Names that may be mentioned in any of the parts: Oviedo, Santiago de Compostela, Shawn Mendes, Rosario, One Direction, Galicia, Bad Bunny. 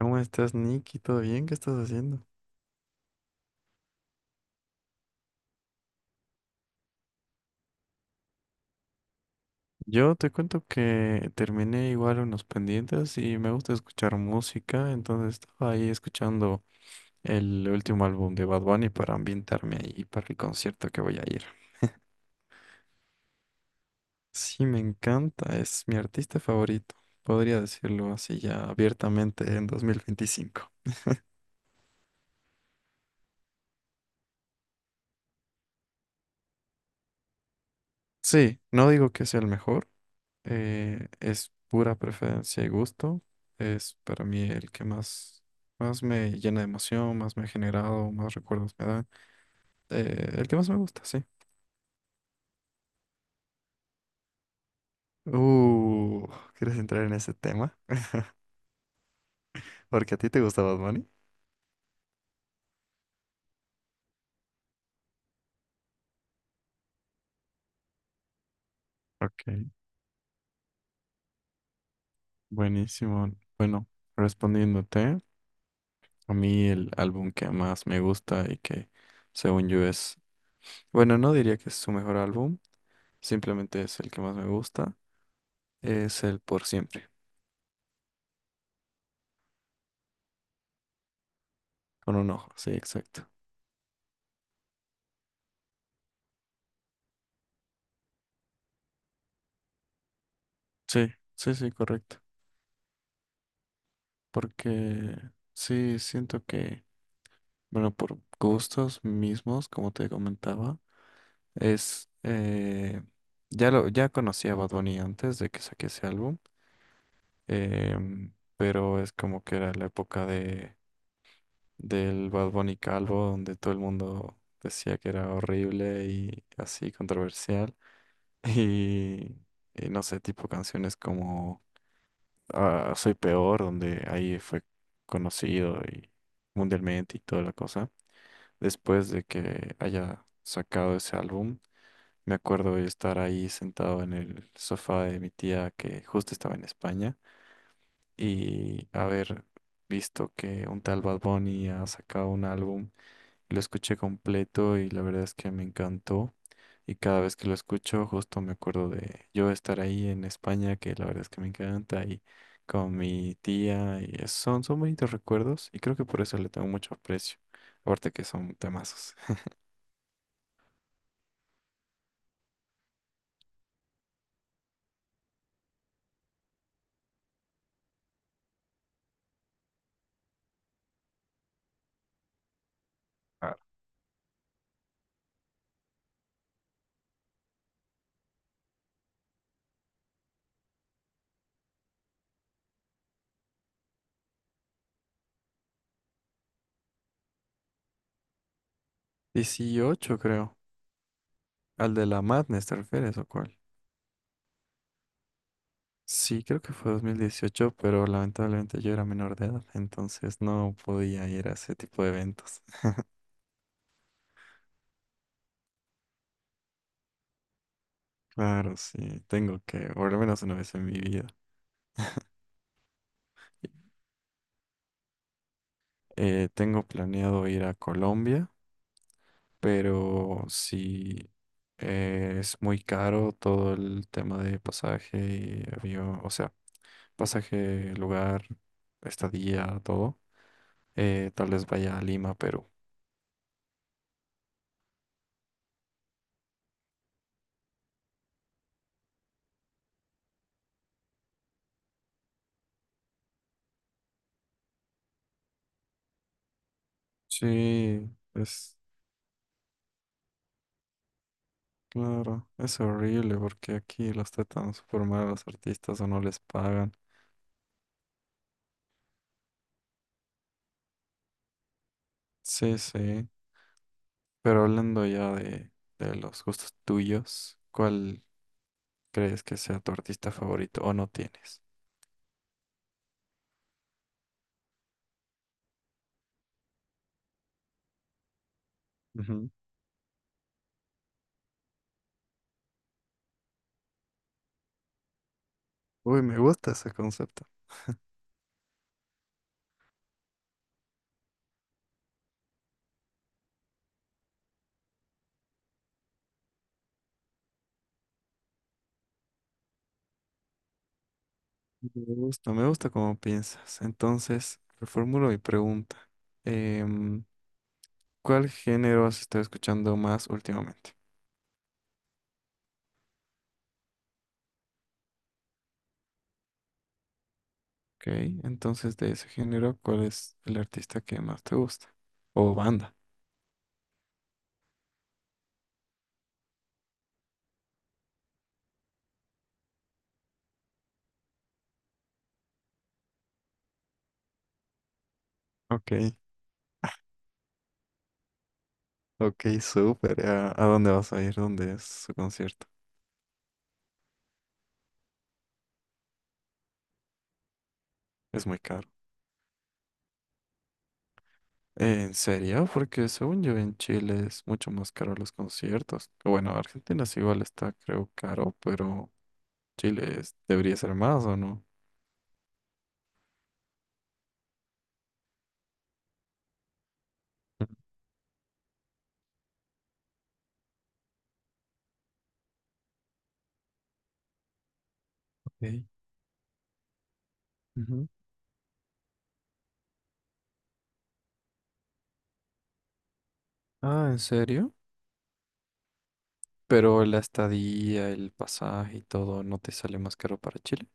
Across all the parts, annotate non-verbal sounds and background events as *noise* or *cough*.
¿Cómo estás, Nicky? ¿Todo bien? ¿Qué estás haciendo? Yo te cuento que terminé igual unos pendientes y me gusta escuchar música, entonces estaba ahí escuchando el último álbum de Bad Bunny para ambientarme ahí para el concierto que voy a ir. Sí, me encanta, es mi artista favorito, podría decirlo así ya abiertamente en 2025. Sí, no digo que sea el mejor. Es pura preferencia y gusto. Es para mí el que más me llena de emoción, más me ha generado, más recuerdos me da. El que más me gusta, sí. Uh, ¿Quieres entrar en ese tema? Porque a ti te gusta Bad Bunny. Ok, buenísimo. Bueno, respondiéndote, a mí el álbum que más me gusta y que según yo es, bueno, no diría que es su mejor álbum, simplemente es el que más me gusta, es el Por Siempre, con un ojo, sí, exacto. Sí, sí, sí, correcto. Porque sí, siento que, bueno, por gustos mismos, como te comentaba, es, eh, ya conocía a Bad Bunny antes de que saque ese álbum, pero es como que era la época del Bad Bunny calvo, donde todo el mundo decía que era horrible y así controversial. *laughs* Y, y no sé, tipo canciones como a Soy Peor, donde ahí fue conocido y mundialmente y toda la cosa. Después de que haya sacado ese álbum, me acuerdo de estar ahí sentado en el sofá de mi tía que justo estaba en España y haber visto que un tal Bad Bunny ha sacado un álbum. Lo escuché completo y la verdad es que me encantó. Y cada vez que lo escucho, justo me acuerdo de yo estar ahí en España, que la verdad es que me encanta, y con mi tía, y son bonitos recuerdos, y creo que por eso le tengo mucho aprecio. Aparte que son temazos. Ah, 18, creo. ¿Al de la Madness te refieres o cuál? Sí, creo que fue 2018 pero lamentablemente yo era menor de edad, entonces no podía ir a ese tipo de eventos. Claro, sí, tengo que, por lo menos una vez en mi vida. Tengo planeado ir a Colombia, pero si es muy caro todo el tema de pasaje y avión, o sea, pasaje, lugar, estadía, todo. Tal vez vaya a Lima, Perú. Sí, es claro, es horrible porque aquí los tratan súper mal a los artistas o no les pagan. Sí, sí. Pero hablando ya de los gustos tuyos, ¿cuál crees que sea tu artista favorito o no tienes? Ujú. Uy, me gusta ese concepto. Me gusta cómo piensas. Entonces, reformulo mi pregunta. Em, ¿Cuál género has estado escuchando más últimamente? Ok, entonces de ese género, ¿cuál es el artista que más te gusta? O banda. Ok, ok, súper. ¿A dónde vas a ir? ¿Dónde es su concierto? Es muy caro. ¿En serio? Porque según yo en Chile es mucho más caro los conciertos. Bueno, Argentina sí igual está, creo, caro, pero. Chile debería ser más, ¿o no? Ok. Ujú. Ah, ¿en serio? Pero la estadía, el pasaje y todo, ¿no te sale más caro para Chile?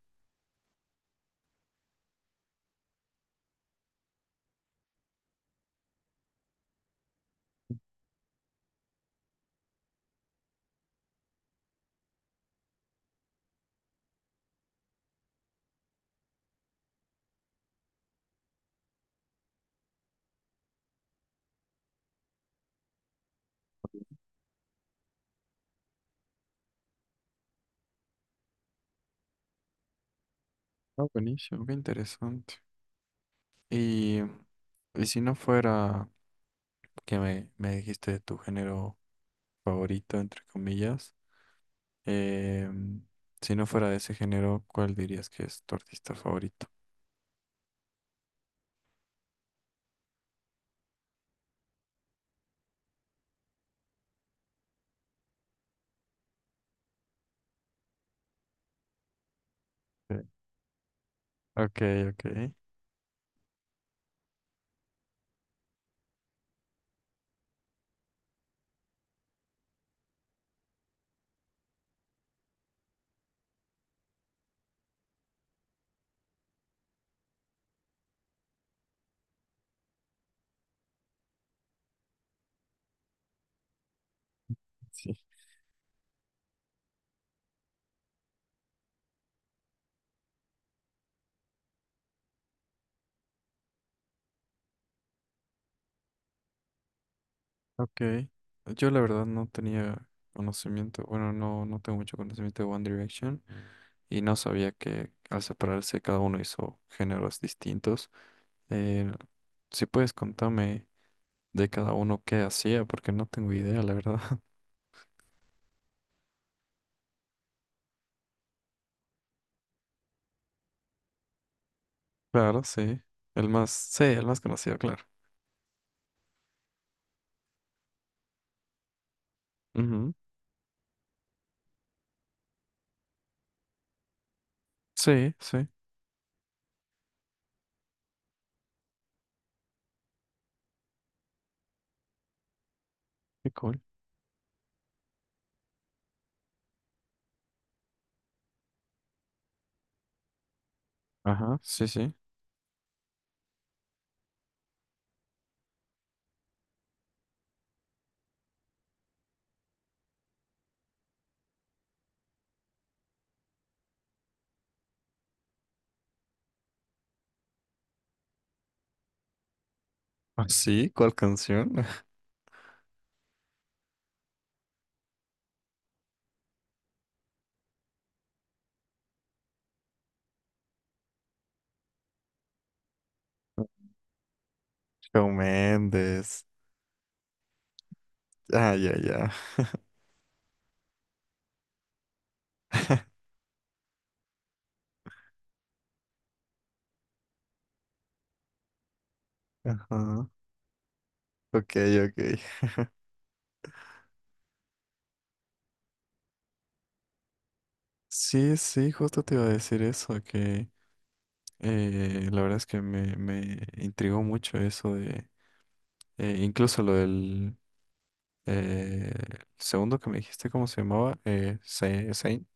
Ah, buenísimo, qué interesante. Y, y si no fuera que me dijiste tu género favorito, entre comillas, eh, si no fuera de ese género, ¿cuál dirías que es tu artista favorito? Sí. Ok, ok. Sí. Ok, yo la verdad no tenía conocimiento, bueno, no, no tengo mucho conocimiento de One Direction y no sabía que al separarse cada uno hizo géneros distintos. Eh, si puedes contarme de cada uno qué hacía, porque no tengo idea, la verdad. *laughs* Claro, sí, el más conocido, claro. Ujú. Sí, sí, qué cool. Ajá, sí, sí. ¿Ah, sí? ¿Cuál canción? *laughs* Shawn Mendes. Ah, ya, ya. Ajá, ok, ok. Sí, sí, justo te iba a decir eso, que la verdad es que me intrigó mucho eso de, incluso lo del eh, segundo que me dijiste, ¿cómo se llamaba? Saint.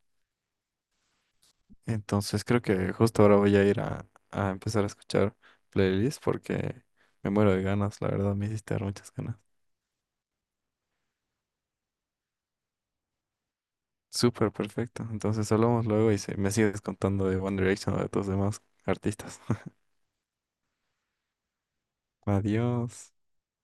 Entonces creo que justo ahora voy a ir a empezar a escuchar playlists porque me muero de ganas, la verdad, me hiciste dar muchas ganas. Súper perfecto, entonces hablamos luego y me sigues contando de One Direction o de tus demás artistas. *laughs* Adiós.